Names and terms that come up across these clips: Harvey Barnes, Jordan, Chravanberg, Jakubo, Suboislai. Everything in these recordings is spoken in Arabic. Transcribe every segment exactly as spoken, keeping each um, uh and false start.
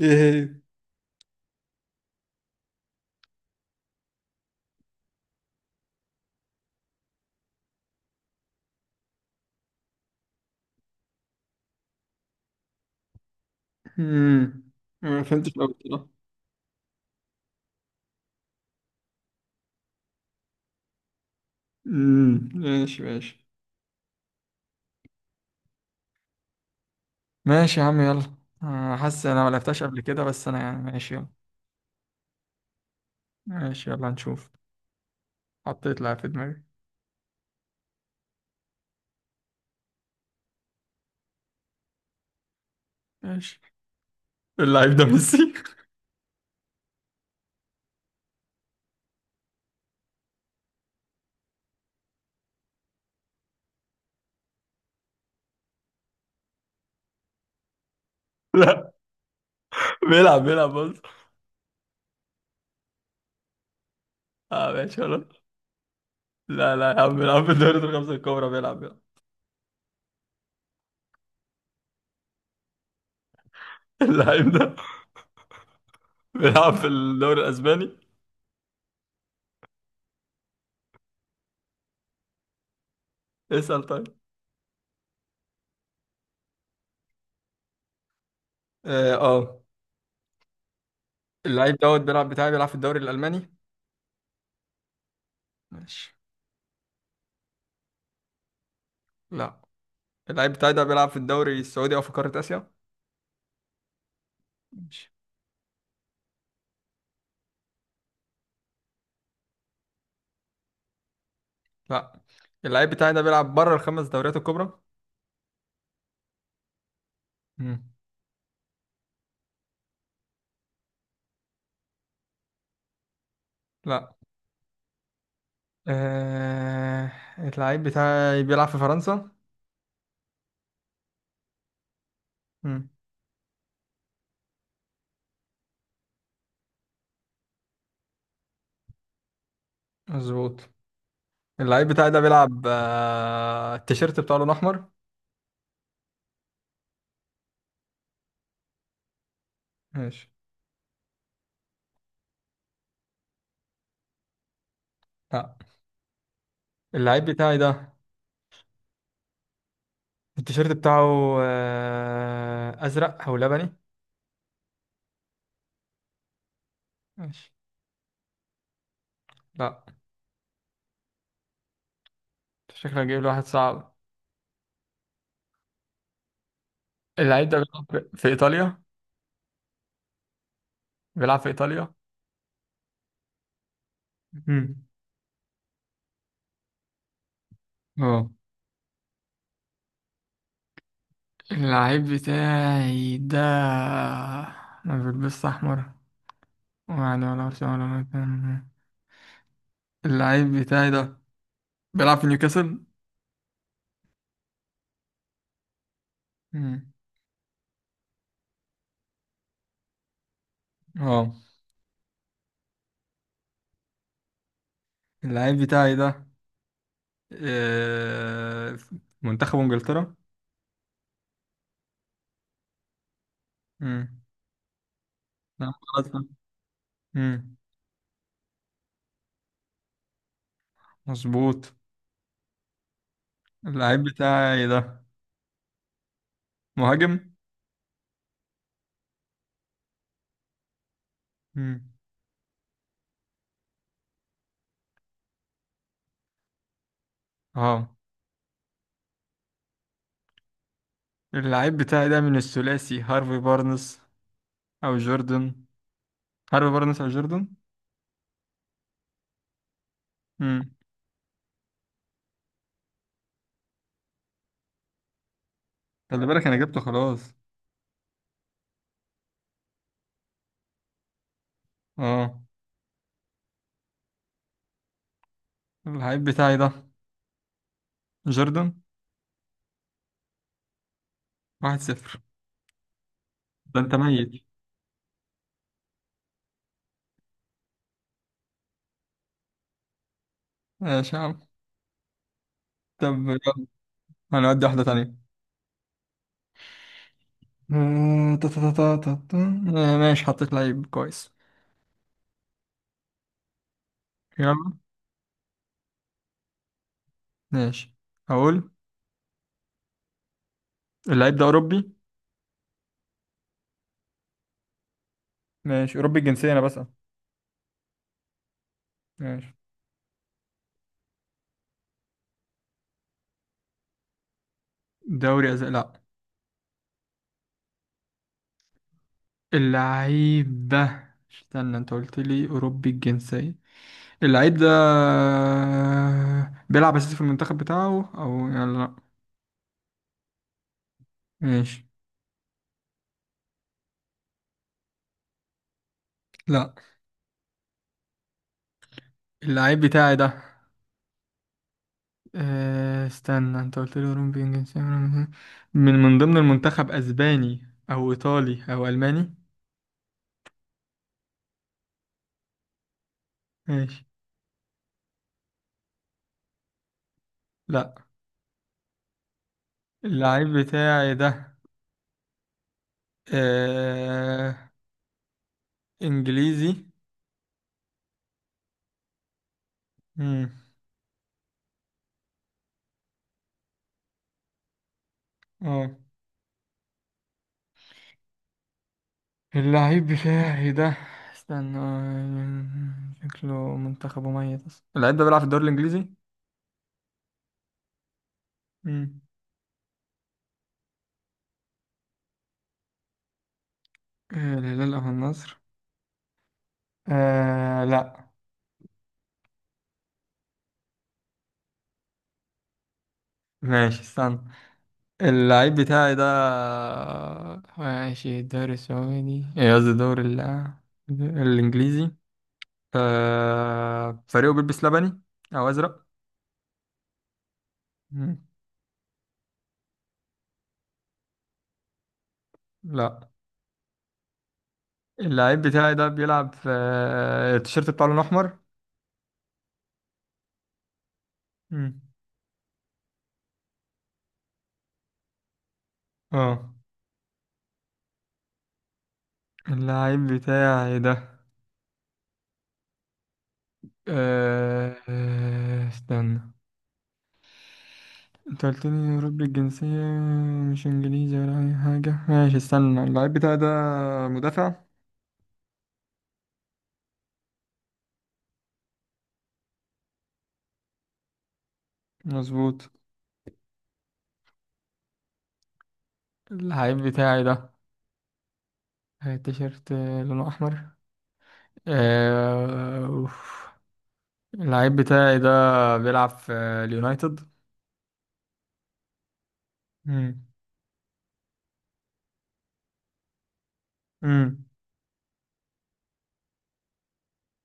ايه هي؟ امم ما فهمتش قوي بصراحة. امم ماشي ماشي. ماشي يا عم، يلا. آه، حاسس انا ما لعبتهاش قبل كده، بس انا يعني ماشي يلا. ماشي يلا، هنشوف. حطيت لعب في دماغي. ماشي. اللعيب ده ميسي. لا، بيلعب بيلعب بص. اه ماشي خلاص. لا لا يا عم، بيلعب في الدوري الخمسة الكبرى بيلعب بيلعب. اللعيب ده بيلعب في الدوري الاسباني. اسأل طيب. اه آه. اللعيب دوت بيلعب بتاعي بيلعب في الدوري الالماني. ماشي. لا. اللعيب بتاعي ده بيلعب في الدوري السعودي او في قارة اسيا. ماشي. لا. اللعيب بتاعي ده بيلعب بره الخمس دوريات الكبرى. مم. لا. آه... اللعيب بتاعي بيلعب في فرنسا. مم. مظبوط. اللعيب بتاعي ده بيلعب آه... التيشيرت بتاعه لون احمر. ماشي. لا. اللعيب بتاعي ده التيشيرت بتاعه آه... ازرق او لبني. ماشي. لا. أنت شكلك جايب لي واحد صعب. اللعيب ده بيلعب في ايطاليا. بيلعب في ايطاليا. مم. اه. اللعيب بتاعي ده ما بيلبسش أحمر، يعني ولا أرسنال ولا مكان. اللعيب بتاعي ده بيلعب في نيوكاسل. مم. اه. اللعيب بتاعي ده آه، في منتخب إنجلترا. مم. نعم خلاص. مم. مظبوط. اللعيب بتاعي ده مهاجم. مم. اه. اللعيب بتاعي ده من الثلاثي هارفي بارنس أو جوردن. هارفي بارنس أو جوردن. مم. خلي بالك أنا جبته خلاص. اه. اللعيب بتاعي ده جوردن. واحد صفر. ده انت ميت. ماشي يا عم. طب يلا. هنودي واحدة تانية. آه، تا- تا- تا- تا- تا- آه، ماشي حطيت لعيب كويس. يلا. ماشي أقول. اللعيب ده أوروبي. ماشي، أوروبي الجنسية أنا بسأل. ماشي. دوري أز... لا. اللعيب ده استنى، انت قلت لي أوروبي الجنسية. اللعيب ده بيلعب أساسي في المنتخب بتاعه أو يلا لا. ماشي. لا. اللعيب بتاعي ده آه، استنى، انت قلت لي هروب بين جنسية من من من ضمن المنتخب اسباني او ايطالي او الماني. ماشي. لا. اللعيب بتاعي ده آه... انجليزي. مم. اه. اللعيب بتاعي ده استنى، آه، شكله منتخبه ميت اصلا، اللعيب ده بيلعب في الدوري الانجليزي. مم. آه، الهلال او النصر. آه... لا. ماشي استنى. اللعيب بتاعي ده ماشي الدوري السعودي، إيه قصدي، الدوري ال- الإنجليزي. آه، فريقه بيلبس لبني أو أزرق. مم. لا. اللعيب بتاعي ده بيلعب في آه، التيشيرت بتاعه لونه أحمر. مم. اه. اللعيب بتاعي ده آه، آه، استنى، انت قلت لي أوروبي الجنسية مش إنجليزي ولا أي حاجة، ماشي استنى. اللعيب بتاعي ده مدافع. مظبوط. العيب بتاعي ده آه، تيشيرت آه، لونه أحمر. آه، أوف. اللعيب بتاعي ده بيلعب في آه، اليونايتد. مم. مم.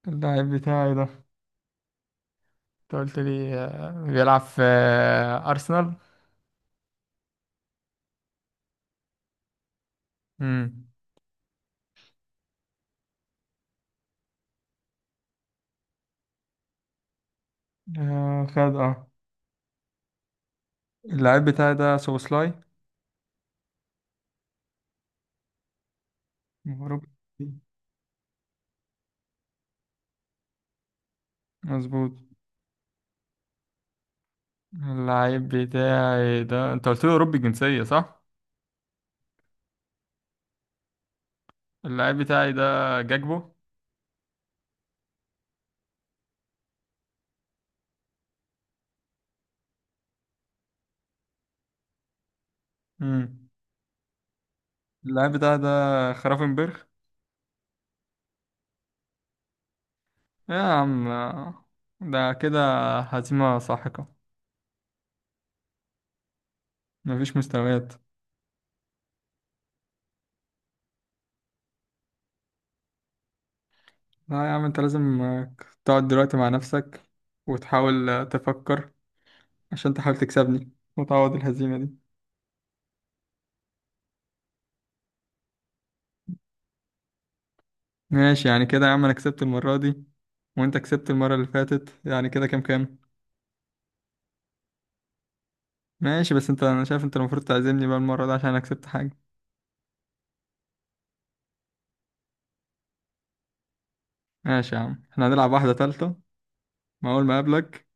اللعيب بتاعي ده انت قلت لي آه، بيلعب في آه، أرسنال. مم. آه، خد اه. اللعيب بتاعي ده سوبوسلاي أوروبي. مظبوط. اللعيب بتاعي ده انت قلت لي أوروبي الجنسية صح؟ اللعيب بتاعي ده جاكبو. مم. اللعيب بتاعي ده خرافنبرغ. يا عم، ده كده هزيمة ساحقة. مفيش مستويات. لا يا عم، انت لازم تقعد دلوقتي مع نفسك وتحاول تفكر عشان تحاول تكسبني وتعوض الهزيمة دي. ماشي يعني كده يا عم، انا كسبت المرة دي وانت كسبت المرة اللي فاتت، يعني كده كام كام. ماشي بس انت، انا شايف انت المفروض تعزمني بقى المرة دي عشان انا كسبت حاجة. ماشي يا عم، احنا هنلعب واحدة تالتة مع اول ما اقابلك،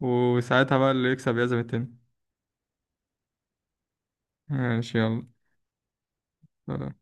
وساعتها بقى اللي يكسب يعزم التاني. ماشي يلا. سلام.